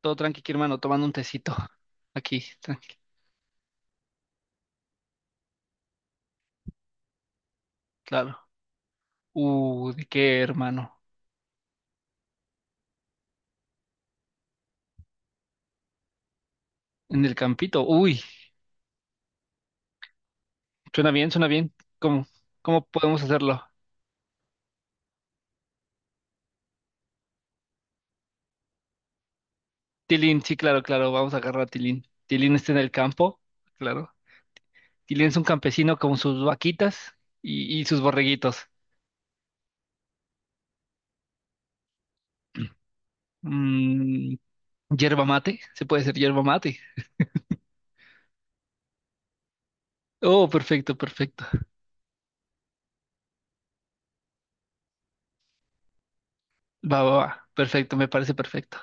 Todo tranqui, aquí, hermano, tomando un tecito. Aquí, tranqui, claro. ¿De qué, hermano? En el campito. Uy, suena bien, suena bien. ¿Cómo, cómo podemos hacerlo? Tilín, sí, claro, claro, vamos a agarrar a Tilín. Tilín está en el campo, claro. Tilín es un campesino con sus vaquitas y sus borreguitos. Mm, yerba mate, se puede hacer yerba mate. Oh, perfecto, perfecto. Va, va, va, perfecto, me parece perfecto.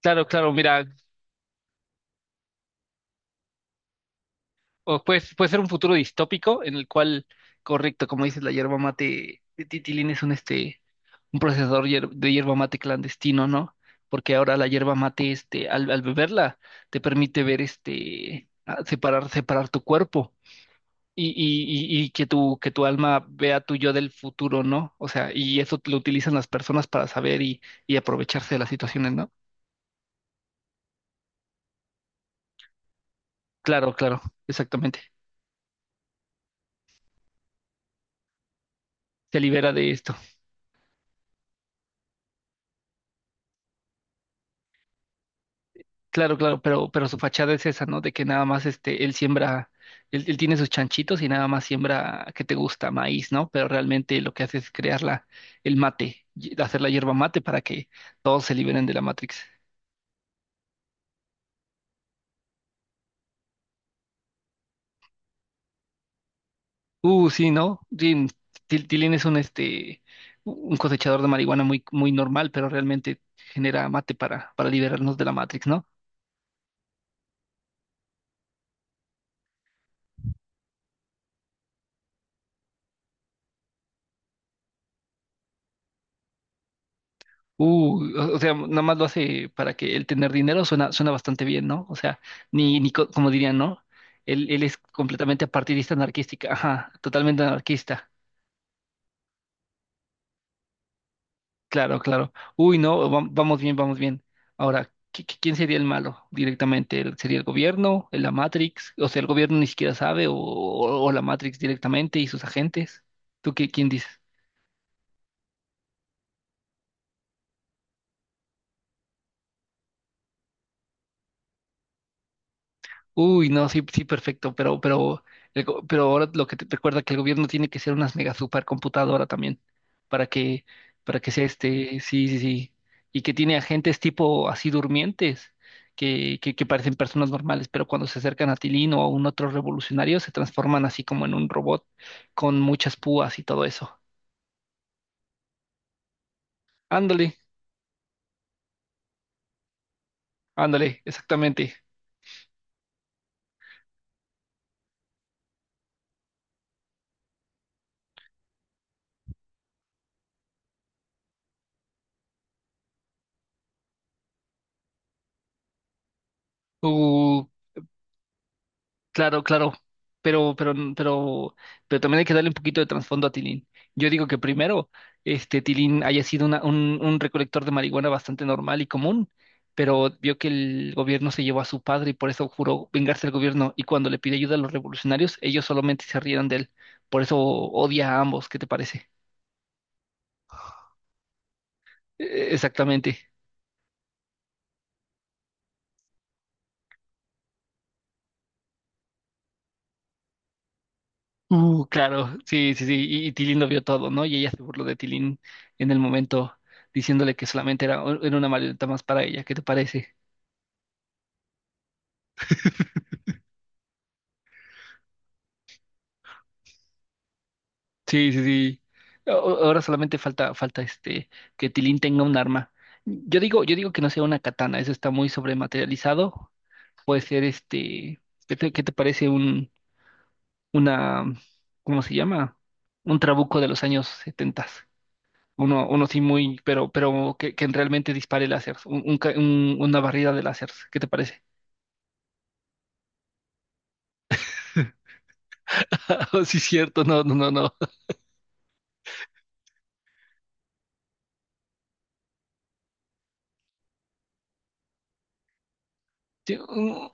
Claro, claro, mira. O puede, puede ser un futuro distópico en el cual, correcto, como dices, la hierba mate de Titilín es un, este, un procesador hier- de hierba mate clandestino, ¿no? Porque ahora la hierba mate, este, al, al beberla, te permite ver, este, a- separar, separar tu cuerpo y que tu alma vea tu yo del futuro, ¿no? O sea, y eso lo utilizan las personas para saber y aprovecharse de las situaciones, ¿no? Claro, claro, exactamente. Se libera de esto. Claro, claro, pero su fachada es esa, ¿no? De que nada más este, él siembra, él tiene sus chanchitos y nada más siembra, ¿que te gusta? Maíz, ¿no? Pero realmente lo que hace es crear la, el mate, y- hacer la hierba mate para que todos se liberen de la Matrix. Sí, ¿no? Sí, Til- Tilín es un, este, un cosechador de marihuana muy, muy normal, pero realmente genera mate para liberarnos de la Matrix, ¿no? O sea, nada más lo hace para que el tener dinero suena, suena bastante bien, ¿no? O sea, ni, ni co- como dirían, ¿no? Él es completamente partidista anarquística, ajá, totalmente anarquista. Claro, claro. Uy, no, va- vamos bien, vamos bien. Ahora, ¿qui- qui- quién sería el malo directamente? ¿El- ¿Sería el gobierno? ¿La Matrix? O sea, el gobierno ni siquiera sabe, o la Matrix directamente y sus agentes. ¿Tú qué, quién dices? Uy, no, sí, sí, perfecto, pero, el go- pero ahora lo que te recuerda que el gobierno tiene que ser una mega supercomputadora también, para que, para que sea este, sí, sí, sí, y que tiene agentes tipo así durmientes, que parecen personas normales, pero cuando se acercan a Tilín o a un otro revolucionario se transforman así como en un robot con muchas púas y todo eso. Ándale, ándale, exactamente. Uh, Claro, claro, pero, pero, pero, pero también hay que darle un poquito de trasfondo a Tilín. Yo digo que primero, este Tilín haya sido una- un recolector de marihuana bastante normal y común, pero vio que el gobierno se llevó a su padre y por eso juró vengarse del gobierno. Y cuando le pide ayuda a los revolucionarios, ellos solamente se rieron de él. Por eso odia a ambos, ¿qué te parece? Exactamente. Claro, sí, sí, sí. Y Tilín lo vio todo, ¿no? Y ella se burló de Tilín en el momento diciéndole que solamente era, era una marioneta más para ella. ¿Qué te parece? Sí, sí, sí. A- ahora solamente falta, falta este, que Tilín tenga un arma. Yo digo que no sea una katana, eso está muy sobrematerializado. Puede ser este, qué te parece un, una, cómo se llama? Un trabuco de los años setentas. Uno, uno sí muy, pero que realmente dispare láseres, un ca- un- una barrida de láseres, ¿qué te parece? Sí, cierto, no, no, no, no. Sí,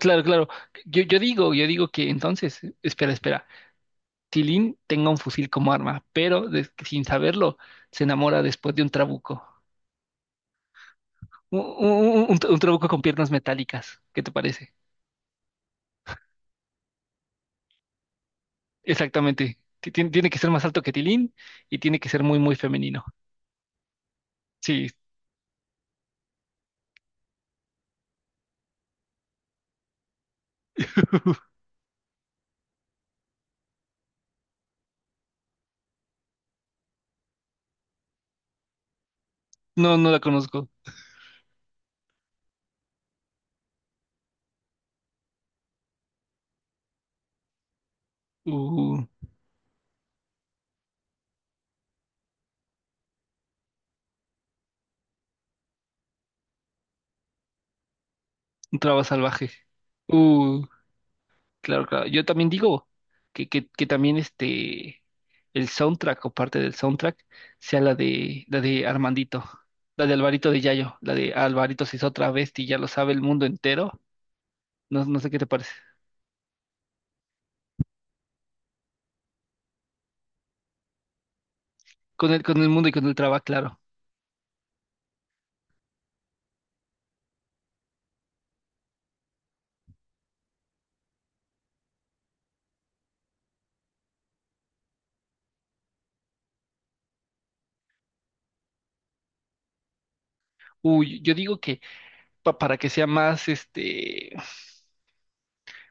claro, claro. Yo, yo digo que entonces, espera, espera. Si Lin tenga un fusil como arma, pero des- sin saberlo, se enamora después de un trabuco. Un trabuco con piernas metálicas, ¿qué te parece? Exactamente. Ti- tien- tiene que ser más alto que Tilín y tiene que ser muy, muy femenino. Sí, no, no la conozco. Uh. Un traba salvaje. Uh, claro, claro. Yo también digo que también este el soundtrack o parte del soundtrack sea la de Armandito, la de Alvarito de Yayo, la de Alvarito se hizo otra vez y ya lo sabe el mundo entero. No, no sé qué te parece. Con el mundo y con el traba, claro. Uy, yo digo que pa- para que sea más este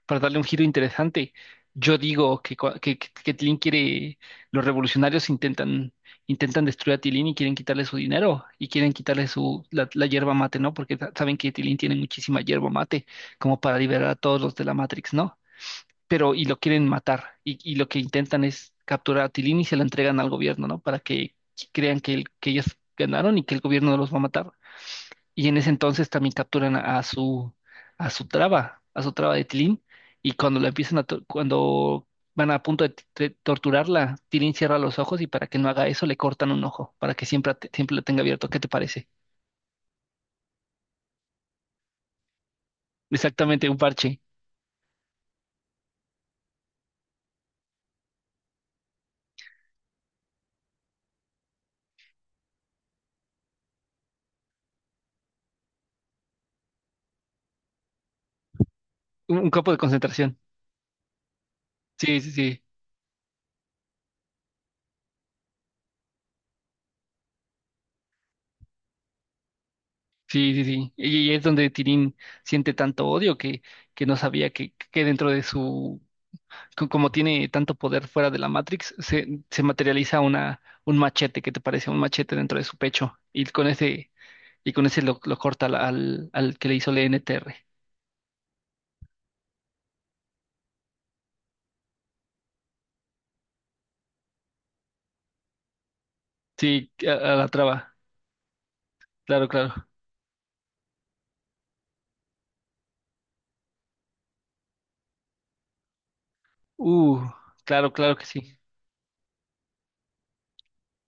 para darle un giro interesante. Yo digo que, cua- que Tilín quiere, los revolucionarios intentan, intentan destruir a Tilín y quieren quitarle su dinero y quieren quitarle su, la yerba mate, ¿no? Porque sa- saben que Tilín tiene muchísima yerba mate como para liberar a todos los de la Matrix, ¿no? Pero y lo quieren matar y lo que intentan es capturar a Tilín y se la entregan al gobierno, ¿no? Para que crean que, el- que ellos ganaron y que el gobierno los va a matar. Y en ese entonces también capturan a su traba de Tilín. Y cuando la empiezan a, to- cuando van a punto de, t- de torturarla, Tilín cierra los ojos y para que no haga eso le cortan un ojo, para que siempre, at- siempre lo tenga abierto. ¿Qué te parece? Exactamente, un parche, un campo de concentración. Sí, sí, sí. Sí, sí, sí. Y es donde Tilín siente tanto odio que no sabía que dentro de su co- como tiene tanto poder fuera de la Matrix, se materializa una, un machete, ¿que te parece? Un machete dentro de su pecho. Y con ese lo corta al, al, al que le hizo el NTR. Sí, a la traba. Claro, claro. Uh, claro, claro que sí.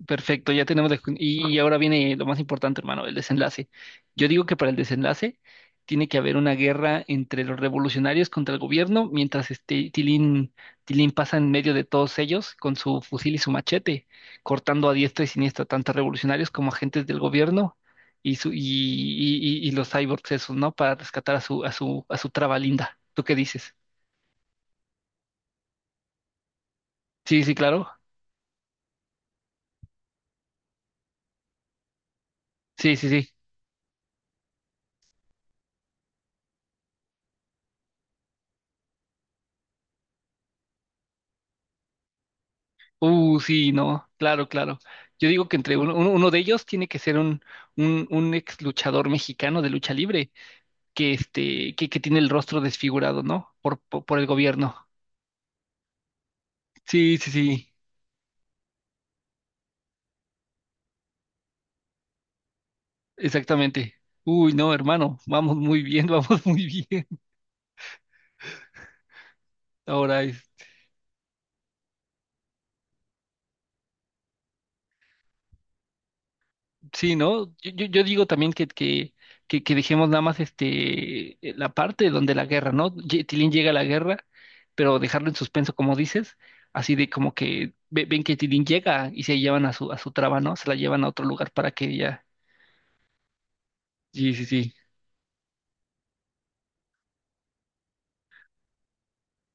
Perfecto, ya tenemos la... Y ahora viene lo más importante, hermano, el desenlace. Yo digo que para el desenlace tiene que haber una guerra entre los revolucionarios contra el gobierno, mientras este Tilín, Tilín pasa en medio de todos ellos con su fusil y su machete, cortando a diestra y siniestra tanto a revolucionarios como agentes del gobierno y, su, y los cyborgs esos, ¿no? Para rescatar a su, a su, a su traba linda. ¿Tú qué dices? Sí, sí, claro. Sí, sí, sí. Sí, no, claro, claro. Yo digo que entre uno, uno- uno de ellos tiene que ser un ex luchador mexicano de lucha libre, que este, que tiene el rostro desfigurado, ¿no? Por el gobierno. Sí, sí, sí, exactamente. Uy, no, hermano, vamos muy bien, vamos muy bien. Ahora, sí, ¿no? Yo digo también que dejemos nada más este la parte donde la guerra, ¿no? Ye- Tilín llega a la guerra, pero dejarlo en suspenso, como dices, así de como que ve- ven que Tilín llega y se llevan a su traba, ¿no? Se la llevan a otro lugar para que ella. Sí, sí, sí.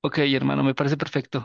Ok, hermano, me parece perfecto.